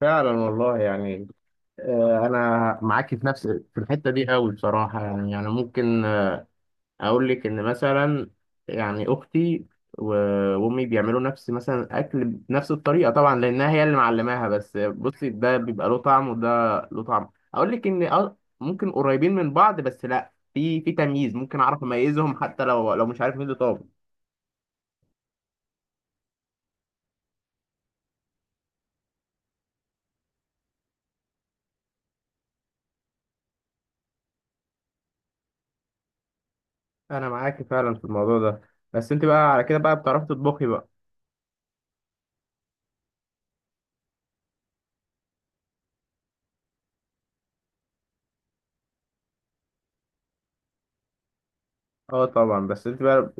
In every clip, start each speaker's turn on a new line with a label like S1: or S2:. S1: فعلا والله يعني. انا معاكي في الحته دي قوي بصراحه، يعني ممكن، اقول لك ان مثلا يعني اختي و- وامي بيعملوا نفس مثلا اكل بنفس الطريقه، طبعا لانها هي اللي معلماها. بس بصي، ده بيبقى له طعم وده له طعم. اقول لك ان ممكن قريبين من بعض، بس لا، في تمييز، ممكن اعرف اميزهم حتى لو مش عارف مين اللي طابخ. انا معاكي فعلا في الموضوع ده. بس انت بقى على كده بقى بتعرفي تطبخي بقى؟ اه طبعا. بس انت بقى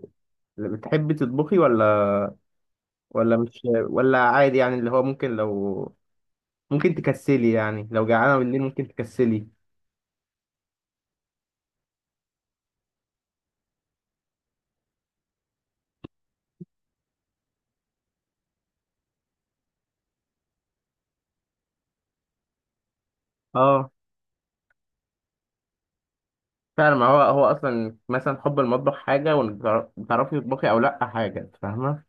S1: بتحبي تطبخي ولا مش ولا عادي؟ يعني اللي هو ممكن تكسلي، يعني لو جعانة بالليل ممكن تكسلي؟ اه فعلا. ما هو اصلا مثلا حب المطبخ حاجة وتعرفي تطبخي او لا حاجة، فاهمة؟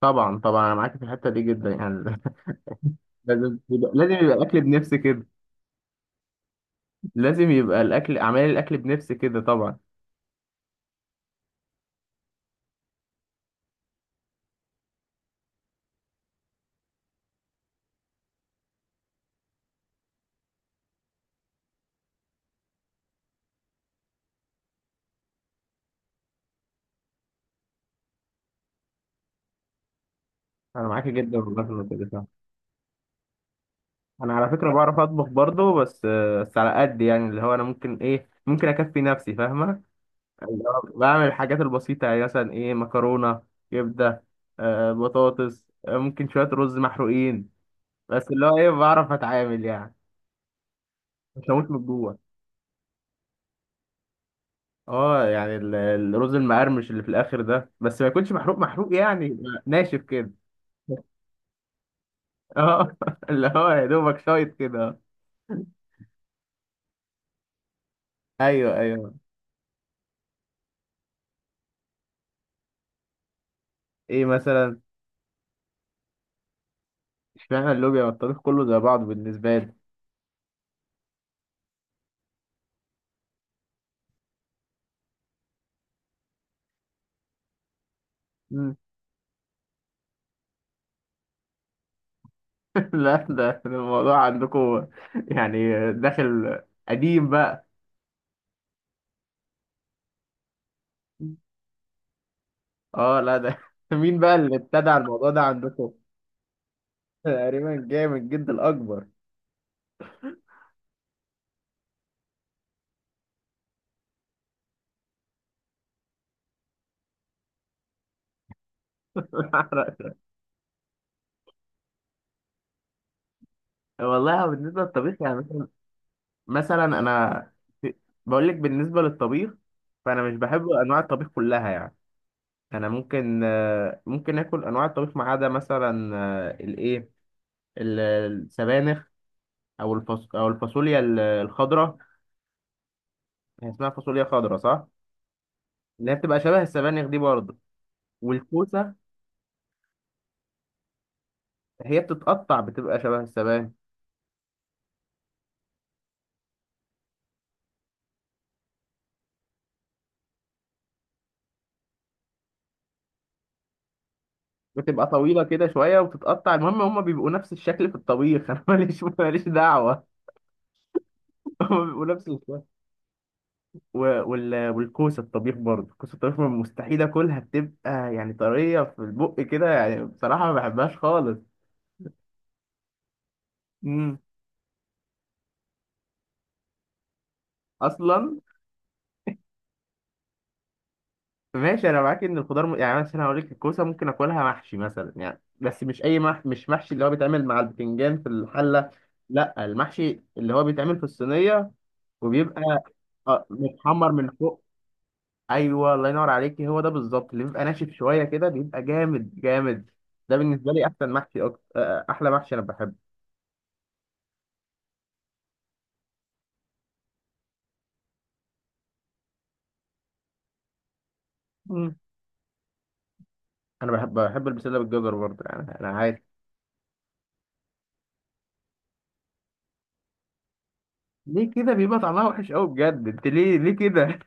S1: طبعا طبعا، انا معاك في الحتة دي جدا يعني. لازم يبقى الاكل بنفس كده. لازم يبقى اعمال الاكل بنفس كده طبعا. انا معاك جدا والله في النقطة دي فعلا. انا على فكرة بعرف اطبخ برضه، بس على قد يعني اللي هو انا ممكن ايه، ممكن اكفي نفسي، فاهمة. اللي هو بعمل الحاجات البسيطة، يعني مثلا إيه، مكرونة، كبدة، بطاطس، ممكن شوية رز محروقين. بس اللي هو إيه، بعرف أتعامل يعني. مش هموت من جوه. اه، يعني الرز المقرمش اللي في الآخر ده، بس ما يكونش محروق محروق، يعني يبقى ناشف كده. اه اللي هو يا دوبك شايط كده. ايوه ايوه. ايه مثلا؟ اشمعنى اللوبيا والطبيخ كله زي بعض بالنسبة لي. مم. لا، ده الموضوع عندكم يعني داخل قديم بقى. اه، لا، ده مين بقى اللي ابتدع الموضوع ده عندكم؟ تقريبا جاي من الجد الأكبر. والله بالنسبة للطبيخ يعني مثلا أنا بقول لك بالنسبة للطبيخ، فأنا مش بحب أنواع الطبيخ كلها يعني. أنا ممكن آكل أنواع الطبيخ ما عدا مثلا، الإيه، السبانخ، أو الفاصوليا الخضراء. هي اسمها فاصوليا خضراء صح؟ اللي هي بتبقى شبه السبانخ دي برضه. والكوسة، هي بتتقطع بتبقى شبه السبانخ. بتبقى طويلة كده شوية وبتتقطع، المهم هما بيبقوا نفس الشكل في الطبيخ. أنا ماليش ماليش دعوة، هما بيبقوا نفس الشكل. و... والكوسة الطبيخ برضه، كوسة الطبيخ مستحيل آكلها، بتبقى يعني طرية في البق كده يعني، بصراحة ما بحبهاش خالص. امم. أصلا ماشي، أنا معاك إن الخضار، يعني مثلا هقول لك الكوسة ممكن آكلها محشي مثلا يعني، بس مش أي مش محشي اللي هو بيتعمل مع البتنجان في الحلة، لا، المحشي اللي هو بيتعمل في الصينية وبيبقى متحمر من فوق. ايوه، الله ينور عليك، هو ده بالظبط، اللي بيبقى ناشف شويه كده، بيبقى جامد جامد. ده بالنسبه لي احسن محشي أكتر. احلى محشي انا بحبه. مم. انا بحب البسله بالجزر برضه يعني انا عارف. ليه كده بيبقى طعمها وحش قوي بجد؟ انت ليه كده؟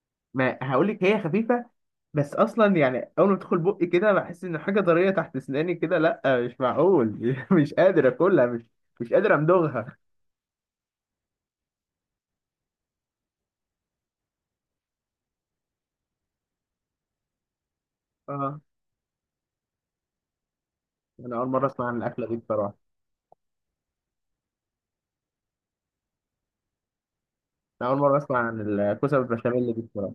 S1: ما هقول لك هي خفيفه، بس اصلا يعني اول ما تدخل بقي كده بحس ان حاجه طريه تحت اسناني كده، لا مش معقول. مش قادر اكلها، مش قادر امضغها. اه، انا اول مره اسمع عن الاكله دي بصراحه. انا اول مره اسمع عن الكوسه بالبشاميل دي بصراحه.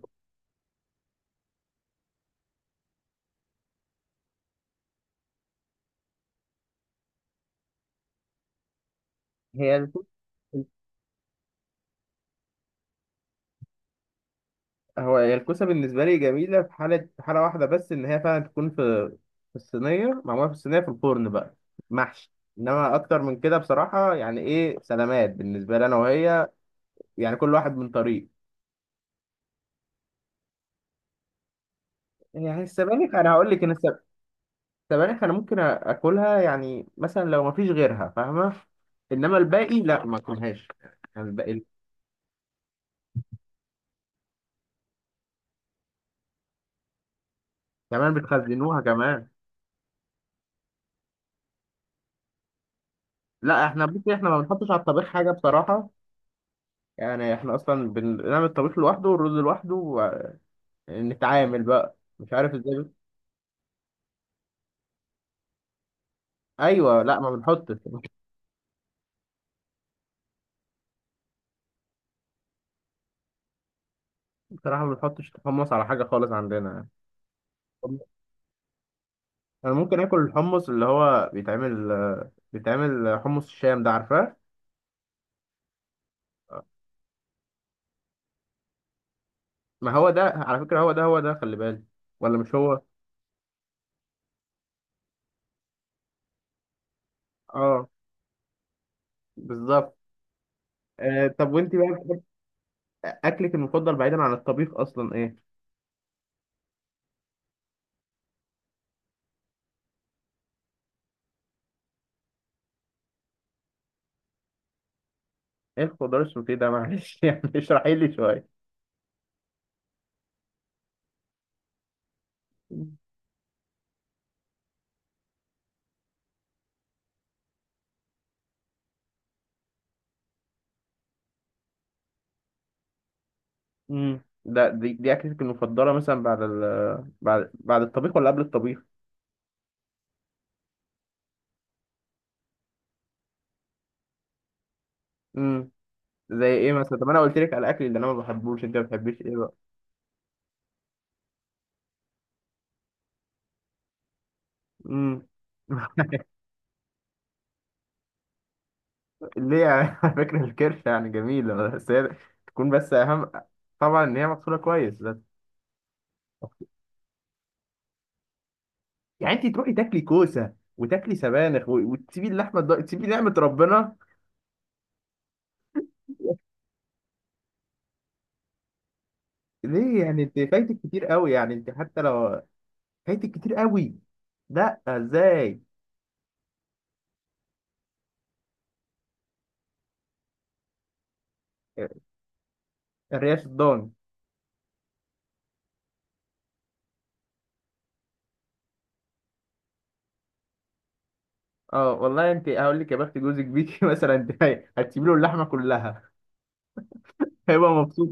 S1: هي الكوسه هو، هي الكوسة بالنسبة لي جميلة في حالة واحدة بس، إن هي فعلا تكون في الصينية، معمولة في الصينية في الفرن بقى محشي. إنما أكتر من كده بصراحة يعني إيه، سلامات بالنسبة لي أنا وهي، يعني كل واحد من طريق. يعني السبانخ أنا هقول لك إن السبانخ أنا ممكن آكلها يعني مثلا لو مفيش غيرها، فاهمة. إنما الباقي لا ما آكلهاش، يعني الباقي. كمان بتخزنوها كمان؟ لا إحنا بصي، إحنا ما بنحطش على الطبيخ حاجة بصراحة، يعني احنا اصلا بنعمل الطبيخ لوحده والرز لوحده، نتعامل بقى مش عارف ازاي بس. ايوه، لا ما بنحطش. بصراحه ما بنحطش حمص على حاجه خالص عندنا يعني. انا ممكن اكل الحمص اللي هو بيتعمل حمص الشام ده عارفاه؟ ما هو ده على فكره، هو ده هو ده، خلي بالك. ولا مش هو؟ اه بالظبط. طب وانت بقى اكلك المفضل بعيدا عن الطبيخ اصلا ايه؟ ايه الخضار السوتيه ده؟ معلش يعني اشرحي لي شويه. دي اكلتك المفضله مثلا بعد ال بعد بعد الطبيخ ولا قبل الطبيخ؟ زي ايه مثلا؟ طب انا قلت لك على اكل اللي انا ما بحبوش، انت ما بتحبيش ايه بقى؟ امم. ليه يعني؟ على فكره الكرشه يعني جميله، بس هي تكون بس اهم، طبعا ان هي مغسوله كويس بس. يعني انت تروحي تاكلي كوسه وتاكلي سبانخ وتسيبي اللحمه تسيبي نعمه ربنا؟ ليه يعني انت فايتك كتير قوي، يعني انت حتى لو، فايتك كتير قوي. لا ازاي؟ الريش الضان؟ اه والله انت هقول لك يا بخت جوزك بيكي. مثلا انت هتسيبي له اللحمه كلها هيبقى مبسوط.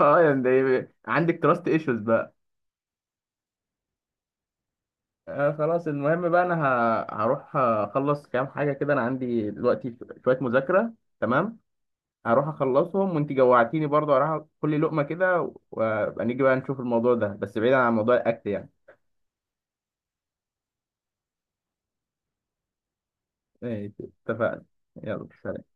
S1: اه، يعني ده عندك تراست ايشوز بقى. آه خلاص، المهم بقى انا هروح اخلص كام حاجه كده، انا عندي دلوقتي شويه مذاكره. تمام. هروح اخلصهم وانت جوعتيني برضه، هروح كل لقمه كده وابقى نيجي بقى نشوف الموضوع ده، بس بعيدا عن موضوع الاكل يعني. ماشي، اتفقنا، يلا. سلام.